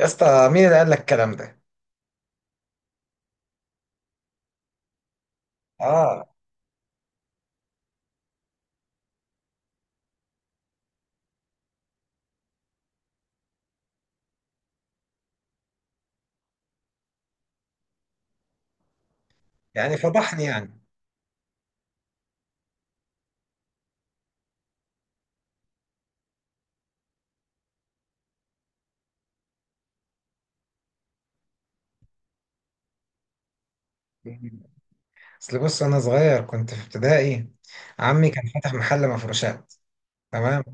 يا اسطى، مين اللي قال لك الكلام ده؟ اه يعني فضحني يعني. اصل بص، انا صغير كنت في ابتدائي. عمي كان فاتح محل مفروشات. تمام.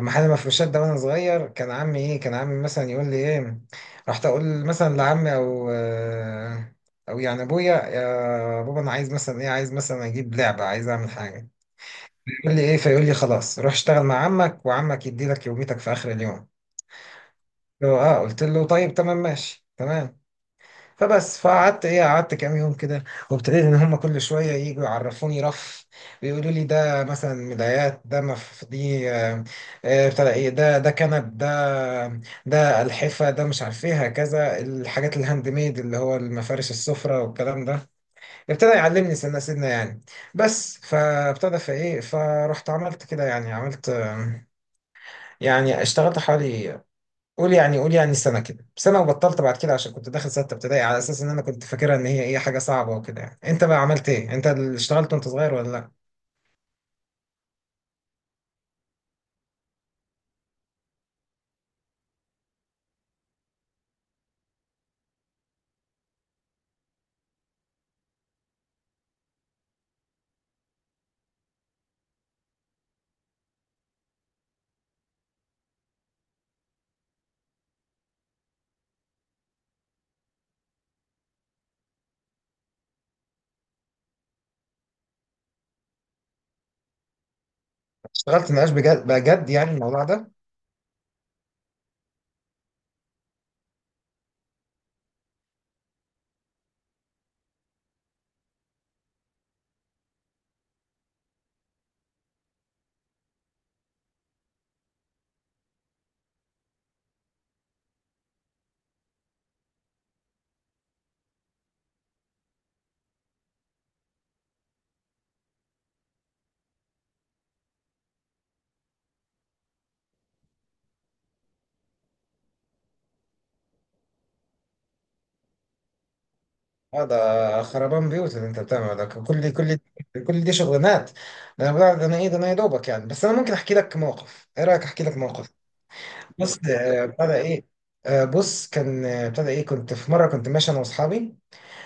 محل مفروشات ده وانا صغير، كان عمي مثلا يقول لي ايه. رحت اقول مثلا لعمي او او يعني ابويا، يا بابا انا عايز مثلا ايه، عايز مثلا اجيب لعبه، عايز اعمل حاجه. يقول لي ايه فيقول لي خلاص، روح اشتغل مع عمك وعمك يدي لك يوميتك في اخر اليوم. قلت له طيب، تمام، ماشي، تمام. فبس فقعدت ايه قعدت كام يوم كده. وابتديت ان هم كل شويه يجوا يعرفوني رف، ويقولوا لي ده مثلا ملايات، ده مف دي آه، بتاع ايه ده، ده كنب، ده الحفه، ده مش عارف ايه، هكذا الحاجات، الهاند ميد اللي هو المفارش، السفره والكلام ده. ابتدى يعلمني سنه سنه يعني. بس فابتدى فايه فرحت عملت كده يعني، عملت يعني اشتغلت حوالي، قول يعني سنة كده، سنة وبطلت بعد كده عشان كنت داخل ستة ابتدائي، على أساس إن أنا كنت فاكرها إن هي إيه، حاجة صعبة وكده يعني. أنت بقى عملت إيه؟ أنت اللي اشتغلت وأنت صغير ولا لأ؟ اشتغلت نقاش بجد بجد يعني الموضوع ده؟ اه، ده خربان بيوت اللي انت بتعمله ده، كل كل دي شغلانات. ده انا يا دوبك يعني. بس انا ممكن احكي لك موقف، ايه رايك احكي لك موقف؟ بص، آه، ابتدى ايه آه، بص كان آه، ابتدى ايه كنت في مره كنت ماشي انا واصحابي،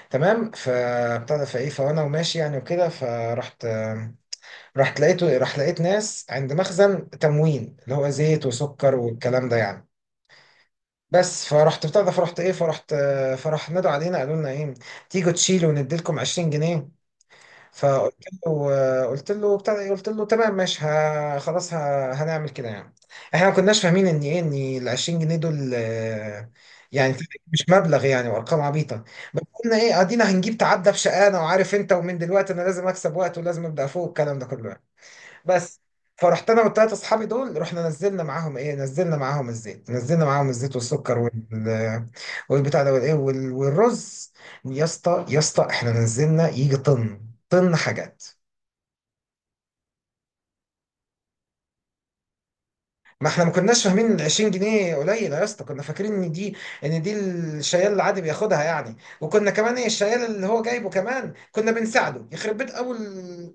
تمام. فابتدى فايه فانا وماشي يعني وكده، فرحت آه، رحت لقيته راح لقيت ناس عند مخزن تموين اللي هو زيت وسكر والكلام ده يعني. بس فرحت بتاع ده فرحت ايه فرحت آه، فراح نادوا علينا، قالوا لنا ايه، تيجوا تشيلوا ونديلكم 20 جنيه. فقلت له آه، قلت له بتاع ده إيه، قلت له تمام ماشي، خلاص، هنعمل كده يعني. احنا ما كناش فاهمين ان ال 20 جنيه دول يعني مش مبلغ يعني، وارقام عبيطه. بس قلنا ايه، ادينا هنجيب، تعدى بشقانا، وعارف انت، ومن دلوقتي انا لازم اكسب وقت ولازم ابدا فوق الكلام ده كله يعني. بس، فرحت انا والتلات اصحابي دول، رحنا نزلنا معاهم ايه نزلنا معاهم الزيت، نزلنا معاهم الزيت والسكر وال والبتاع ده والايه وال- والرز. يا اسطى احنا نزلنا يجي طن، طن حاجات. ما احنا ما كناش فاهمين ال 20 جنيه قليله يا اسطى، كنا فاكرين ان دي الشيال العادي بياخدها يعني، وكنا كمان ايه، الشيال اللي هو جايبه كمان كنا بنساعده يخرب بيت اول.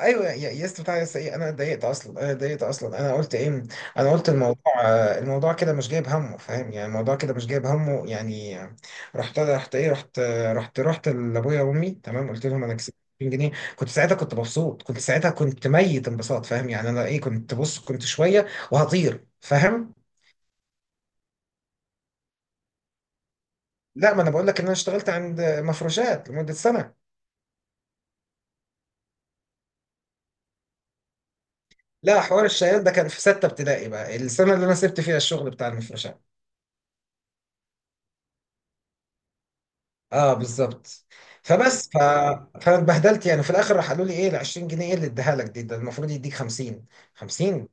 ايوه يا اسطى، بتاع يا اسطى ايه انا اتضايقت اصلا، انا اتضايقت اصلا، انا قلت ايه، انا قلت الموضوع الموضوع كده مش جايب همه، فاهم يعني، الموضوع كده مش جايب همه يعني. آه، رحت رحت ايه رحت آه، رحت رحت لابويا وامي، تمام، قلت لهم انا كسبت 2000 جنيه. كنت ساعتها كنت مبسوط، كنت ساعتها كنت ميت انبساط، فاهم يعني، انا ايه كنت، بص كنت شويه وهطير فاهم. لا ما انا بقول لك ان انا اشتغلت عند مفروشات لمده سنه. لا، حوار الشيال ده كان في سته ابتدائي، بقى السنه اللي انا سبت فيها الشغل بتاع المفروشات. اه بالظبط. فبس ف... فاتبهدلت يعني، في الاخر راح قالوا لي ايه، ال 20 جنيه ايه اللي اديها لك دي؟ ده المفروض يديك 50، 50.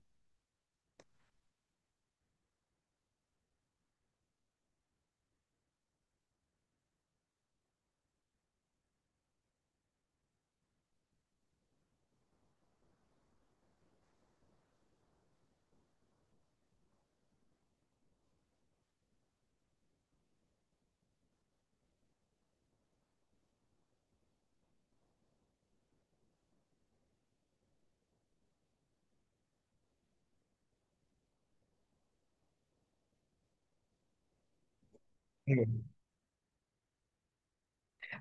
مم.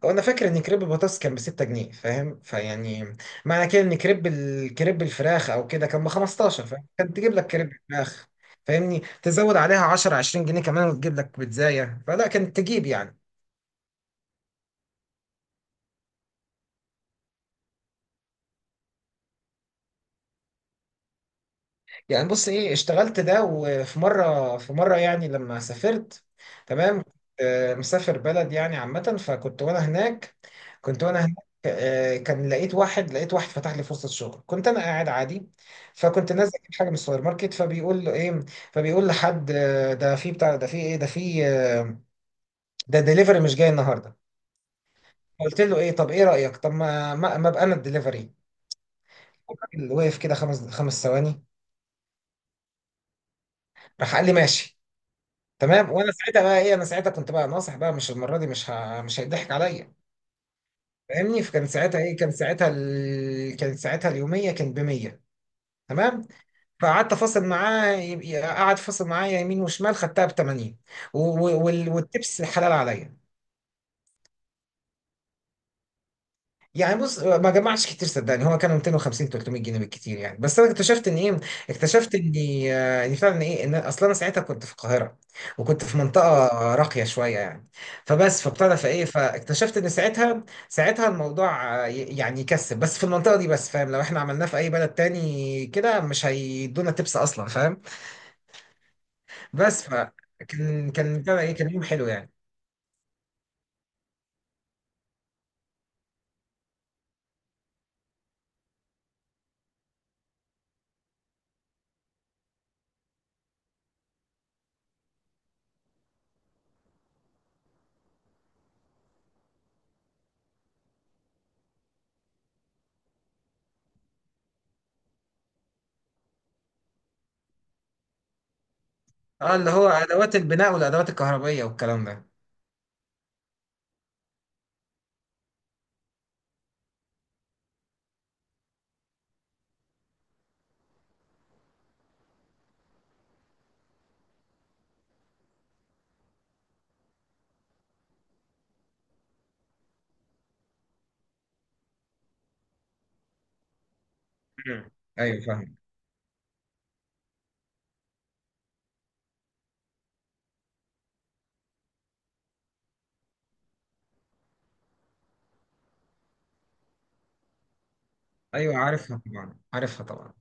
هو انا فاكر ان كريب البطاطس كان ب 6 جنيه، فاهم، فيعني معنى كده ان كريب كريب الفراخ او كده كان ب 15، فاهم، كانت تجيب لك كريب الفراخ، فاهمني، تزود عليها 10، 20 جنيه كمان وتجيب لك بيتزايه، فلا كانت تجيب يعني. يعني بص ايه، اشتغلت ده، وفي مره، في مره يعني لما سافرت، تمام، كنت، آه، مسافر بلد يعني، عامه، فكنت وانا هناك، كنت وانا هناك آه، كان لقيت واحد، لقيت واحد فتح لي فرصه شغل. كنت انا قاعد عادي، فكنت نازل اجيب حاجه من السوبر ماركت، فبيقول له ايه فبيقول لحد آه، ده في بتاع ده في ايه ده في آه، ده دليفري مش جاي النهارده. قلت له ايه، طب ايه رايك، طب ما ابقى انا الدليفري. الراجل وقف كده خمس خمس ثواني، راح قال لي ماشي، تمام. وانا ساعتها بقى ايه، انا ساعتها كنت بقى ناصح، بقى مش المره دي، مش مش هيضحك عليا، فاهمني. فكان ساعتها ايه، كان ساعتها كان ساعتها اليوميه كان ب 100. تمام. فقعدت فاصل معاه، قعد فاصل معايا يمين وشمال، خدتها ب 80. والتبس حلال عليا. يعني بص ما جمعش كتير، صدقني هو كان 250، 300 جنيه بالكتير يعني. بس انا اكتشفت ان ايه، اكتشفت اني ان فعلا ايه، ان اصلا انا ساعتها كنت في القاهره، وكنت في منطقه راقيه شويه يعني. فبس فابتدى فايه فاكتشفت ان ساعتها، ساعتها الموضوع يعني يكسب بس في المنطقه دي بس، فاهم، لو احنا عملناه في اي بلد تاني كده مش هيدونا تبس اصلا، فاهم. بس فكان بتاع ده ايه، كان يوم حلو يعني. اه اللي هو ادوات البناء والادوات الكهربائيه والكلام ده. مم. ايوه فاهم. ايوه عارفها طبعا، عارفها طبعا.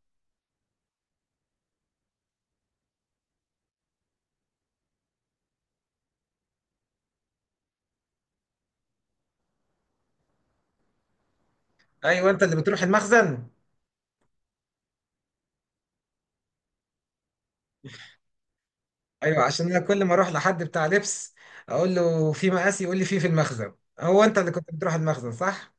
ايوه، انت اللي بتروح المخزن. ايوه عشان انا كل ما اروح لحد بتاع لبس اقول له في مقاسي، يقول لي في المخزن. هو انت اللي كنت بتروح المخزن صح؟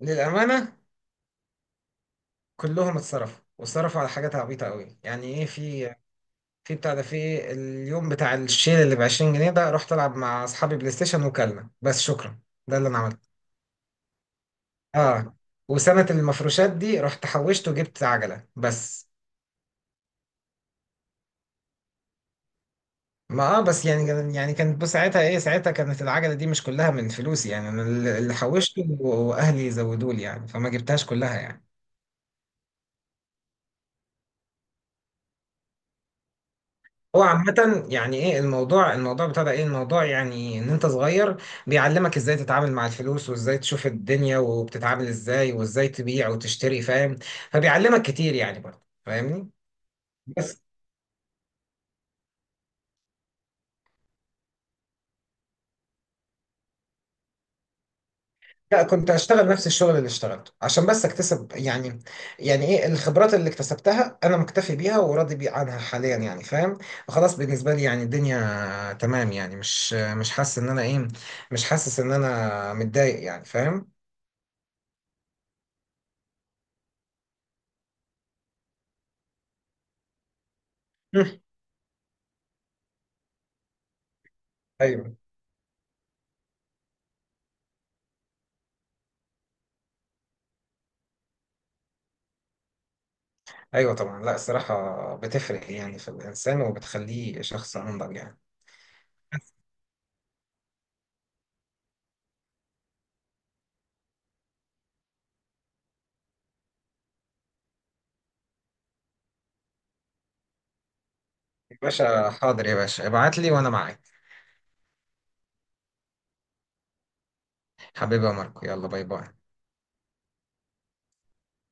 للامانه، كلهم اتصرفوا، واتصرفوا على حاجات عبيطه قوي يعني. ايه في، في بتاع ده، في اليوم بتاع الشيل اللي ب 20 جنيه ده رحت العب مع اصحابي بلاي ستيشن وكلنا، بس شكرا. ده اللي انا عملته. اه، وسنه المفروشات دي رحت حوشت وجبت عجله بس. ما اه بس يعني يعني كانت، بص ساعتها ايه، ساعتها كانت العجله دي مش كلها من فلوسي يعني، انا اللي حوشته واهلي زودوا لي يعني، فما جبتهاش كلها يعني. هو عامة يعني ايه الموضوع، الموضوع بتاع ده، ايه الموضوع يعني، ان انت صغير بيعلمك ازاي تتعامل مع الفلوس، وازاي تشوف الدنيا وبتتعامل ازاي، وازاي تبيع وتشتري، فاهم، فبيعلمك كتير يعني برضه فاهمني. بس، لا كنت اشتغل نفس الشغل اللي اشتغلته عشان بس اكتسب يعني، يعني ايه، الخبرات اللي اكتسبتها انا مكتفي بيها وراضي بي عنها حاليا يعني فاهم. خلاص، بالنسبه لي يعني الدنيا تمام يعني، مش حاسس ان انا ايه، مش حاسس ان انا متضايق يعني فاهم. مم. ايوه. ايوه طبعا. لا الصراحه بتفرق يعني في الانسان وبتخليه شخص انضج يعني. يا باشا حاضر يا باشا، ابعت لي وانا معاك. حبيبي يا ماركو، يلا، باي باي.